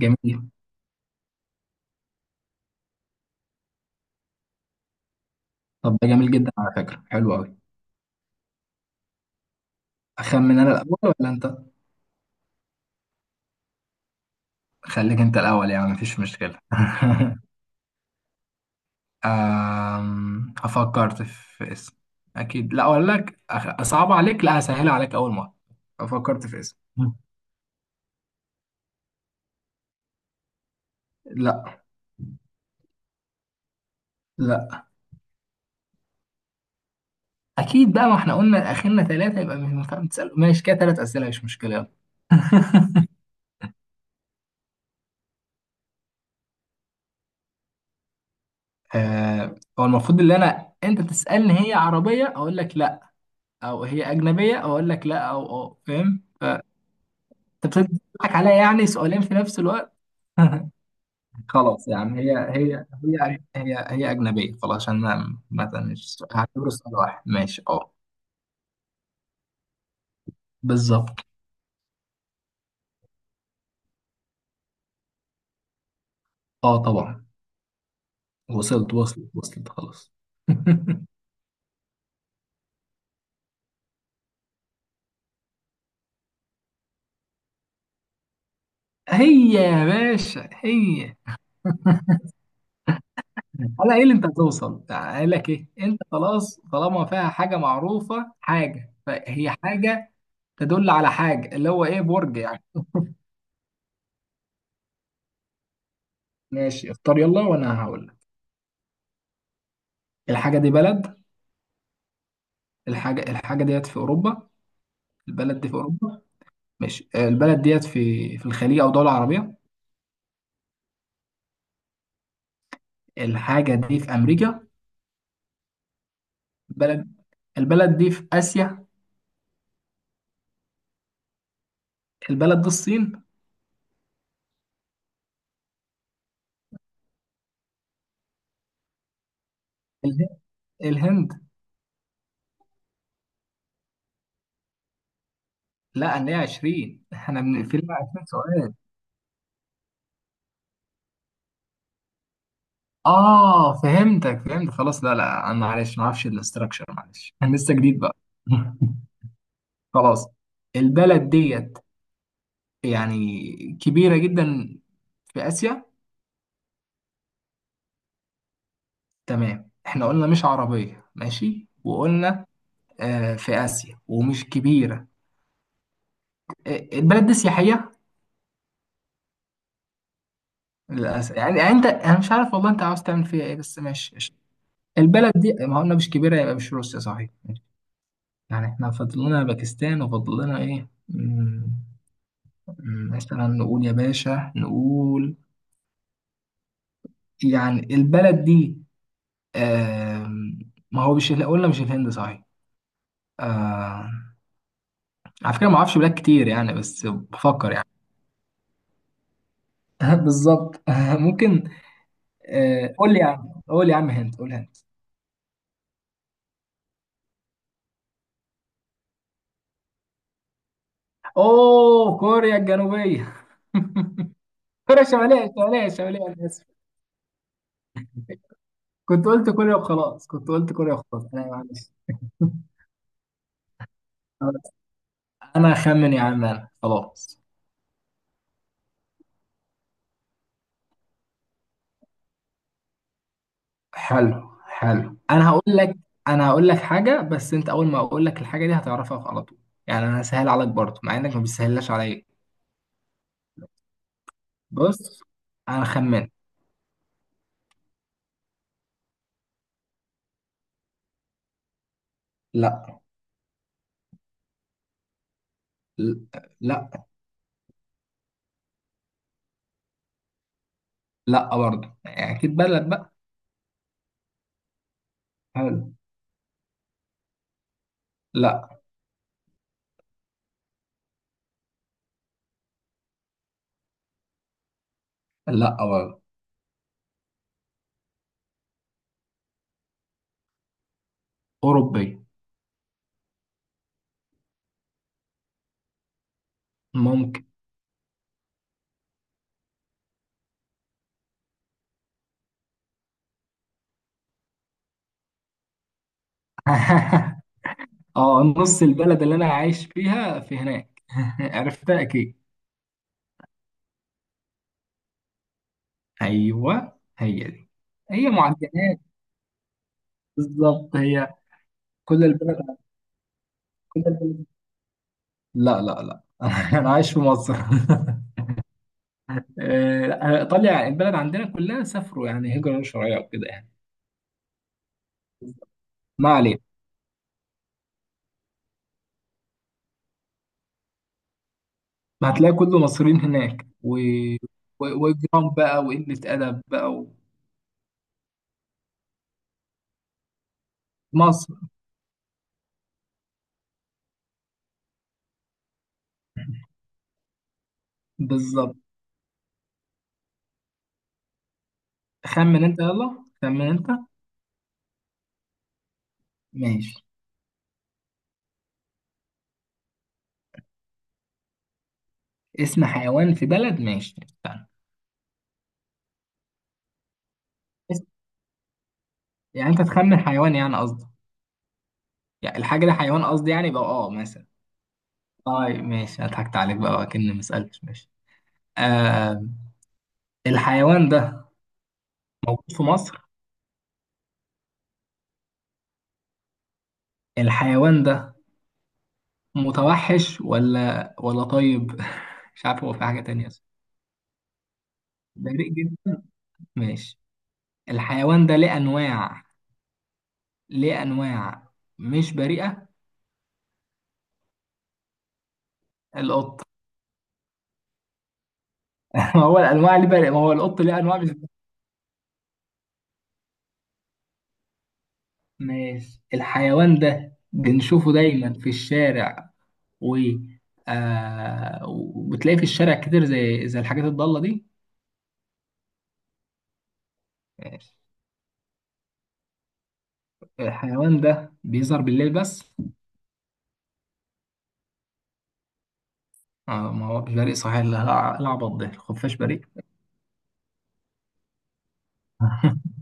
جميل. طب ده جميل جدا على فكرة، حلو قوي. اخمن انا الاول ولا انت؟ خليك انت الاول، يعني مفيش مشكلة. فكرت في اسم. اكيد لا اقول لك صعب عليك، لا هسهل عليك اول مرة. فكرت في اسم. لا لا اكيد بقى، ما احنا قلنا اخرنا 3، يبقى مش مفهوم تسأل ماشي كده، 3 اسئلة مش مشكلة يلا. هو المفروض ان انا انت تسألني هي عربية اقول لك لا، او هي اجنبية اقول لك لا، او اه فاهم. انت بتضحك عليا، يعني سؤالين في نفس الوقت. خلاص يعني هي أجنبية خلاص، عشان ما مش هعتبره سؤال واحد ماشي اه. بالظبط. اه طبعا. وصلت وصلت وصلت خلاص. هي يا باشا هي. على ايه اللي انت هتوصل، قال لك ايه، انت خلاص طالما فيها حاجه معروفه حاجه، فهي حاجه تدل على حاجه، اللي هو ايه، برج يعني. ماشي اختار يلا وانا هقول لك. الحاجه دي بلد. الحاجه ديت في اوروبا. البلد دي في اوروبا ماشي. البلد ديت في الخليج او دوله عربيه. الحاجه دي في امريكا. البلد البلد دي في اسيا. البلد دي الصين. اله- الهند. لا ان هي 20، احنا بنقفل مع 20 سؤال. اه فهمتك فهمت خلاص، لا لا انا معلش ما اعرفش الاستراكشر معلش. انا لسه جديد بقى. خلاص. البلد ديت يعني كبيره جدا في اسيا. تمام، احنا قلنا مش عربيه ماشي، وقلنا في آسيا ومش كبيرة. البلد دي سياحية. للأسف، يعني يعني أنت، أنا مش عارف والله أنت عاوز تعمل فيها إيه، بس ماشي قشطة. البلد دي ما قلنا مش كبيرة يبقى مش روسيا صحيح. يعني إحنا فاضل لنا باكستان وفاضل لنا إيه، مثلا نقول يا باشا نقول. يعني البلد دي، آم، ما هو مش قلنا مش الهند صحيح. آه، على فكرة ما أعرفش بلاد كتير يعني، بس بفكر يعني. بالظبط. ممكن. قول لي يا عم، قول لي يا عم هند قول هند. اوه كوريا الجنوبية. كوريا الشمالية، الشمالية الشمالية، انا اسف. كنت قلت كوريا وخلاص، كنت قلت كوريا وخلاص، انا معلش. خلاص. انا اخمن يا عم انا خلاص. حلو حلو انا هقول لك. انا هقول لك حاجة، بس انت اول ما اقول لك الحاجة دي هتعرفها على طول. يعني انا سهل عليك برضه، مع انك ما بتسهلهاش عليا. بص، انا خمنت. لا. ل- لا. لا برضه، يعني اكيد بلد بقى. حلو. لا. لا برضه. اوروبي. ممكن. اه نص البلد اللي انا عايش فيها في هناك. عرفتها اكيد. ايوه هي دي. هي معجنات، بالظبط هي. كل البلد، كل البلد. لا لا لا. انا عايش في مصر. لا، ايطاليا البلد عندنا كلها سافروا، يعني هجرة غير شرعية وكده يعني. ما علينا. هتلاقي كله مصريين هناك واجرام بقى وقلة ادب بقى. ومصر. بالظبط. خمن انت يلا، خمن انت. ماشي. اسم حيوان في بلد ماشي استنى. يعني انت تخمن حيوان يعني قصدي، يعني الحاجة دي حيوان قصدي يعني بقى اه مثلا. طيب ماشي، أنا ضحكت عليك بقى وأكني ما سألتش ماشي. آه. الحيوان ده موجود في مصر. الحيوان ده متوحش ولا طيب، مش عارف هو في حاجة تانية أصلا. بريء جدا. ماشي. الحيوان ده ليه أنواع، ليه أنواع مش بريئة. القط. ما هو الأنواع اللي بريئة، ما هو القط ليه أنواع مش. ماشي. الحيوان ده بنشوفه دايما في الشارع و وبتلاقيه في الشارع كتير، زي الحاجات الضالة دي. ماشي. الحيوان ده بيظهر بالليل بس. ما هو مش بريء صحيح، العبط ده الخفاش بريء.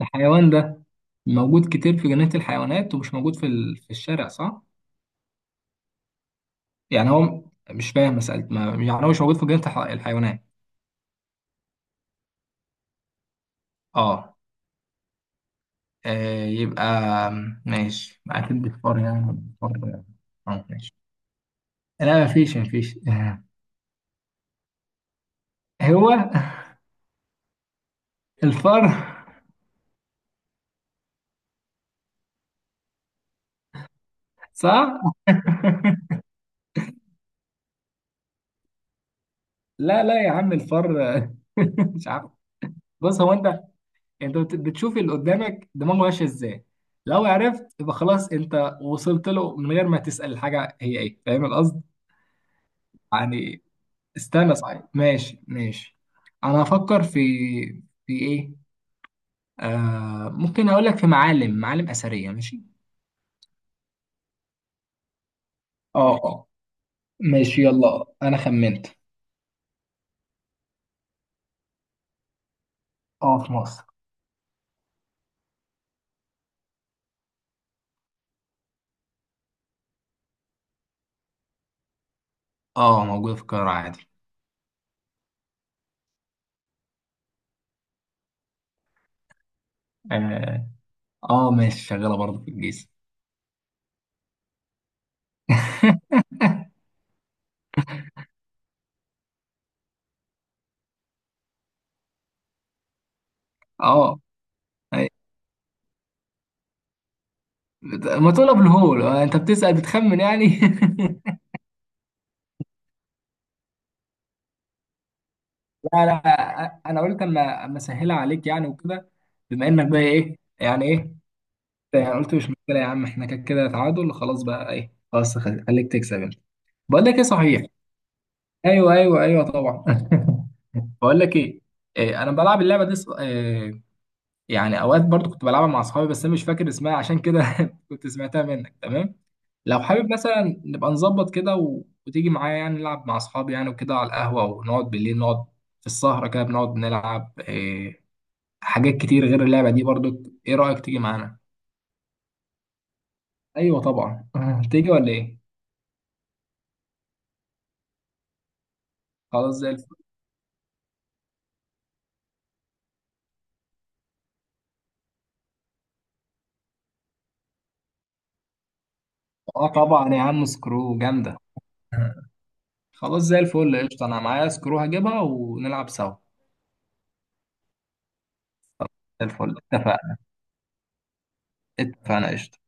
الحيوان ده موجود كتير في جنينة الحيوانات ومش موجود في في الشارع صح؟ يعني هو مش فاهم مسألة ما، يعني هو مش موجود في جنينة الحيوانات. اه. آه يبقى ماشي أكيد بالفار يعني بالفار. آه ماشي. لا مفيش هو الفار صح؟ لا لا يا عم الفار مش عارف. بص هو أنت، أنت بتشوف اللي قدامك دماغه ماشية إزاي، لو عرفت يبقى خلاص أنت وصلت له من غير ما تسأل الحاجة هي إيه، فاهم القصد؟ يعني استنى صحيح ماشي ماشي. أنا هفكر في في إيه؟ آه ممكن أقول لك في معالم أثرية ماشي. اه اه ماشي يلا انا خمنت. اه في مصر. اه موجودة في القاهرة عادي. اه اه ماشي شغالة برضه في الجيزة. اه أي. ما تقول ابو الهول، انت بتسأل بتخمن يعني. لا لا، انا قلت اما اسهلها عليك يعني وكده، بما انك بقى ايه يعني ايه. يعني قلت مش مشكلة يا عم، احنا كده كده تعادل خلاص بقى ايه خلاص خليك تكسب انت. بقول لك ايه صحيح. ايوه ايوه ايوه طبعا. بقول لك ايه. انا بلعب اللعبه دي، يعني اوقات برضو كنت بلعبها مع اصحابي، بس انا مش فاكر اسمها عشان كده. كنت سمعتها منك تمام. لو حابب مثلا نبقى نظبط كده وتيجي معايا يعني نلعب مع اصحابي يعني وكده على القهوة، ونقعد بالليل نقعد في السهرة كده بنقعد نلعب حاجات كتير غير اللعبة دي برضو، ايه رأيك تيجي معانا. ايوه طبعا. تيجي ولا ايه. خلاص زي الفل. اه طبعا يا عم سكرو جامدة. خلاص زي الفل قشطة، انا معايا سكرو هجيبها ونلعب سوا. زي الفل اتفقنا. اتفقنا قشطة.